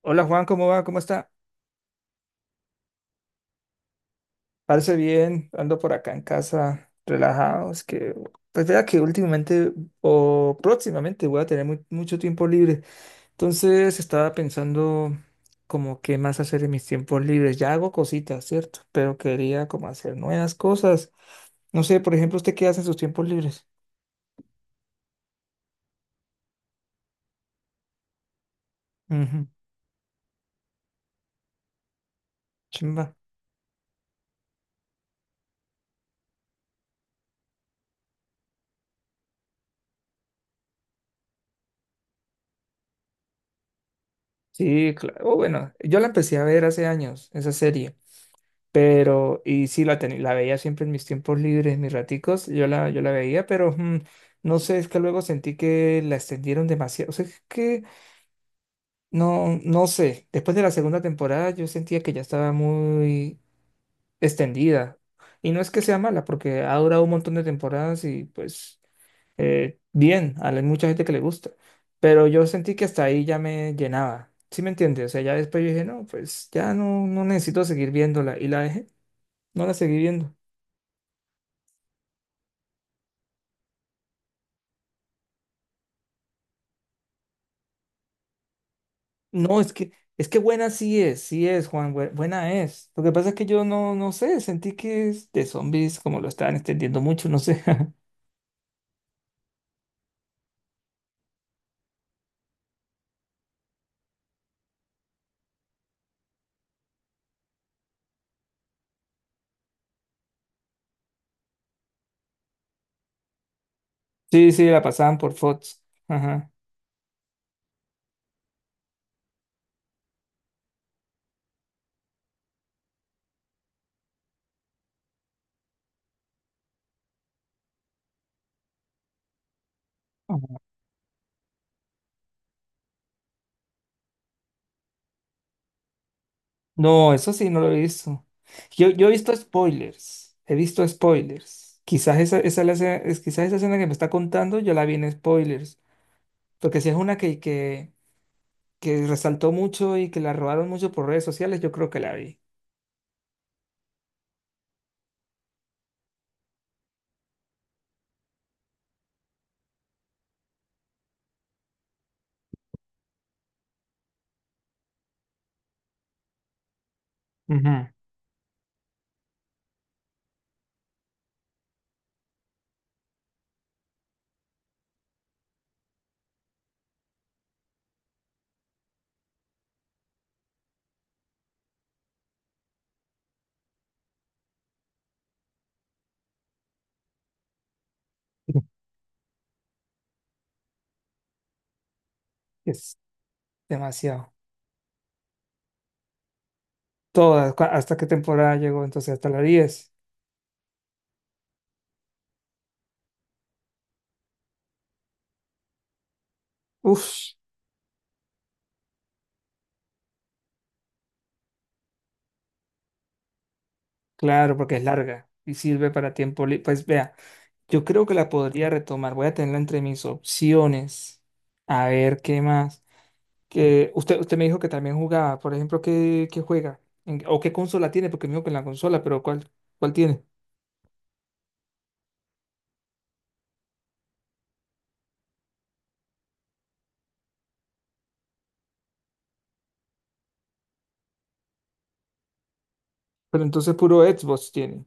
Hola Juan, ¿cómo va? ¿Cómo está? Parece bien, ando por acá en casa, relajados, que pues vea que últimamente o próximamente voy a tener mucho tiempo libre. Entonces estaba pensando como qué más hacer en mis tiempos libres. Ya hago cositas, ¿cierto? Pero quería como hacer nuevas cosas. No sé, por ejemplo, ¿usted qué hace en sus tiempos libres? Ujú. Chimba. Sí, claro. Oh, bueno, yo la empecé a ver hace años, esa serie. Pero, y sí, la veía siempre en mis tiempos libres, en mis raticos, yo la veía, pero no sé, es que luego sentí que la extendieron demasiado. O sea, es que no sé, después de la segunda temporada yo sentía que ya estaba muy extendida. Y no es que sea mala, porque ha durado un montón de temporadas y pues bien, hay mucha gente que le gusta. Pero yo sentí que hasta ahí ya me llenaba. ¿Sí me entiendes? O sea, ya después yo dije, no, pues ya no, no necesito seguir viéndola. Y la dejé, no la seguí viendo. No, es que buena sí es, Juan, buena es. Lo que pasa es que yo no, no sé, sentí que es de zombies, como lo estaban extendiendo mucho, no sé. Sí, sí, la pasaban por Fox. Ajá. Ajá. No, eso sí, no lo he visto. Yo he visto spoilers, he visto spoilers. Quizás quizás esa escena que me está contando yo la vi en spoilers, porque si es una que resaltó mucho y que la robaron mucho por redes sociales, yo creo que la vi. Ujú. Es demasiado. ¿Hasta qué temporada llegó? Entonces, hasta la diez. Uf, claro, porque es larga y sirve para tiempo libre. Pues vea, yo creo que la podría retomar. Voy a tenerla entre mis opciones. A ver, ¿qué más? Que usted me dijo que también jugaba. Por ejemplo, qué juega? ¿O qué consola tiene? Porque me dijo que en la consola, pero ¿cuál, cuál tiene? Pero entonces puro Xbox tiene.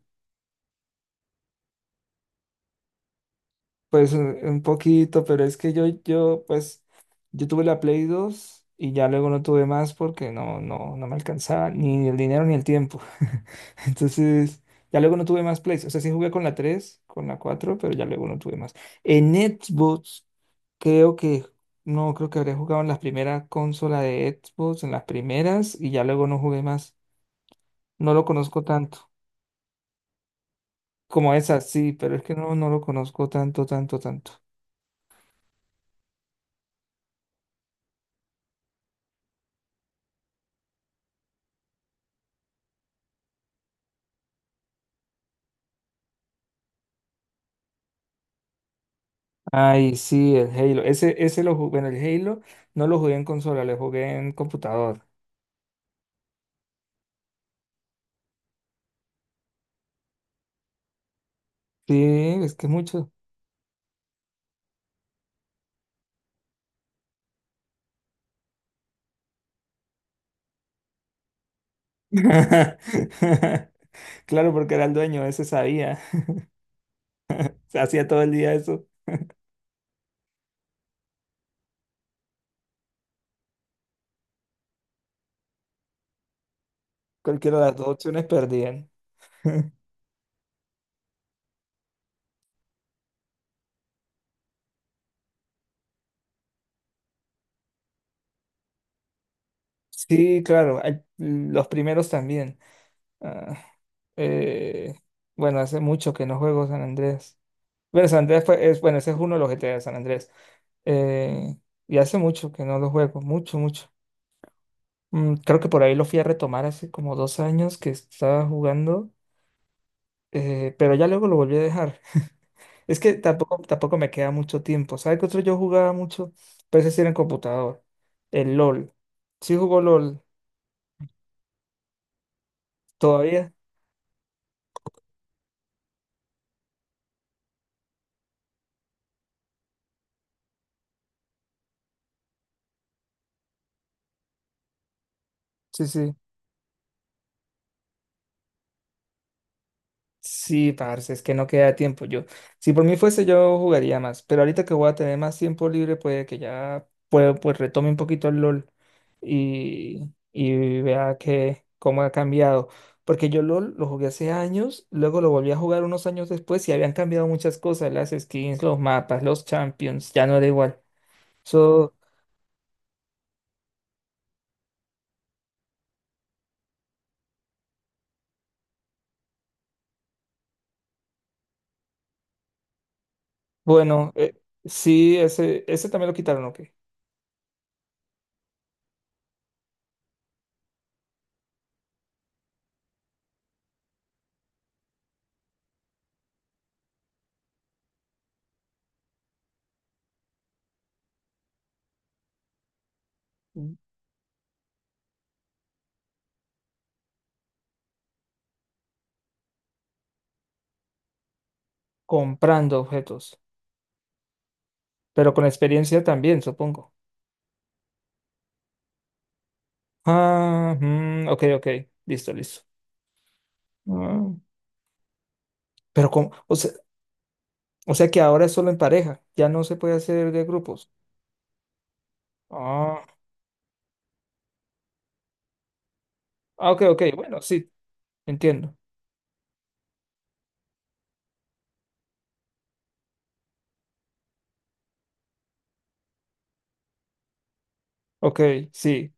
Pues un poquito, pero es que pues, yo tuve la Play 2 y ya luego no tuve más porque no me alcanzaba ni el dinero ni el tiempo. Entonces, ya luego no tuve más Plays. O sea, sí jugué con la 3 con la 4 pero ya luego no tuve más. En Xbox, creo que, no, creo que habría jugado en la primera consola de Xbox, en las primeras, y ya luego no jugué más. No lo conozco tanto. Como esa, sí, pero es que no, no lo conozco tanto, tanto, tanto. Ay, sí, el Halo. Ese lo jugué, bueno, el Halo no lo jugué en consola, lo jugué en computador. Sí, es que mucho. Claro, porque era el dueño, ese sabía. Se hacía todo el día eso. Cualquiera de las 2 opciones perdían. Sí, claro, hay- los primeros también. Ah, eh, bueno, hace mucho que no juego San Andrés. Pero es, bueno, ese es uno de los GTA de San Andrés. Eh, y hace mucho que no lo juego, mucho, mucho. Creo que por ahí lo fui a retomar hace como 2 años que estaba jugando, pero ya luego lo volví a dejar. Es que tampoco, tampoco me queda mucho tiempo. ¿Sabes qué otro yo jugaba mucho? Pero ese sí era en computador. El LOL. Sí jugó LOL. ¿Todavía? Sí, sí. Sí, parce, es que no queda tiempo. Yo, si por mí fuese, yo jugaría más. Pero ahorita que voy a tener más tiempo libre, puede que ya puedo, pues retome un poquito el LOL. Y y vea que cómo ha cambiado. Porque yo LOL lo jugué hace años, luego lo volví a jugar unos años después y habían cambiado muchas cosas, las skins, los mapas, los champions, ya no era igual. So, bueno, sí, ese también lo quitaron, ok. Mm, comprando objetos, pero con experiencia también, supongo. Ah, mm, ok, ok, listo, listo. Ah, pero con, o sea que ahora es solo en pareja, ya no se puede hacer de grupos. Ah. Ah, ok, ok, bueno, sí, entiendo. Ok, sí,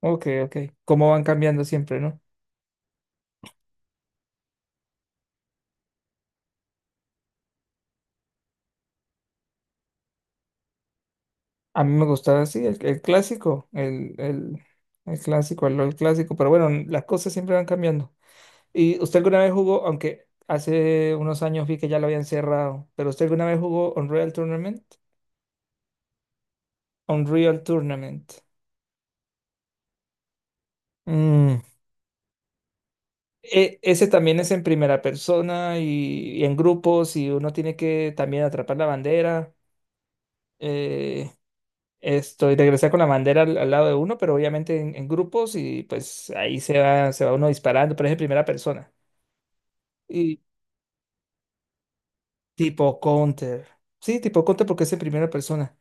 ok, ok. Cómo van cambiando siempre, ¿no? A mí me gustaba así, el clásico, el clásico, el LOL clásico, pero bueno, las cosas siempre van cambiando. ¿Y usted alguna vez jugó, aunque hace unos años vi que ya lo habían cerrado, pero usted alguna vez jugó Unreal Tournament? Unreal Tournament. Mm, ese también es en primera persona y en grupos y uno tiene que también atrapar la bandera. eh, y regresar con la bandera al lado de uno, pero obviamente en grupos y pues ahí se va uno disparando, pero es en primera persona. Y tipo Counter. Sí, tipo Counter porque es en primera persona.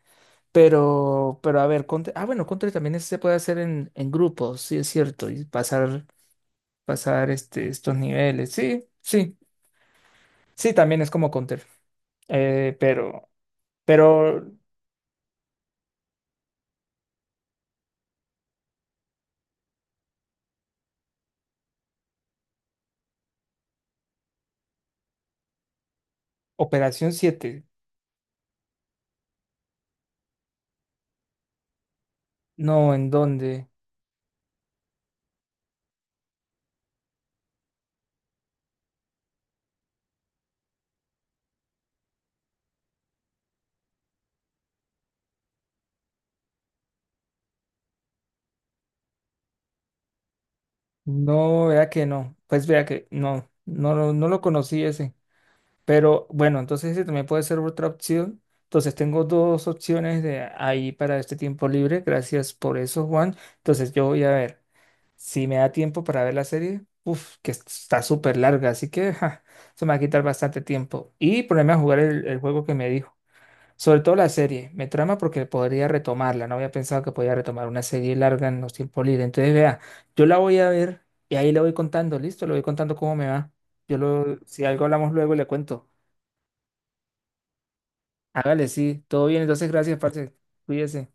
Pero a ver, Counter. Ah, bueno, Counter también se puede hacer en grupos, sí, es cierto. Pasar estos niveles. Sí, sí. Sí, también es como Counter. Eh, pero, pero Operación 7. No, ¿en dónde? No, vea que no. Pues vea que no lo conocí ese. Pero bueno, entonces ese también puede ser otra opción. Entonces tengo 2 opciones de ahí para este tiempo libre. Gracias por eso, Juan. Entonces yo voy a ver si me da tiempo para ver la serie. Uf, que está súper larga, así que ja, se me va a quitar bastante tiempo. Y ponerme a jugar el juego que me dijo. Sobre todo la serie, me trama porque podría retomarla, no había pensado que podía retomar una serie larga en los tiempos libres. Entonces, vea, yo la voy a ver y ahí le voy contando, listo, le voy contando cómo me va. Yo lo, si algo hablamos luego, le cuento. Hágale, sí, todo bien, entonces gracias, parce, cuídese.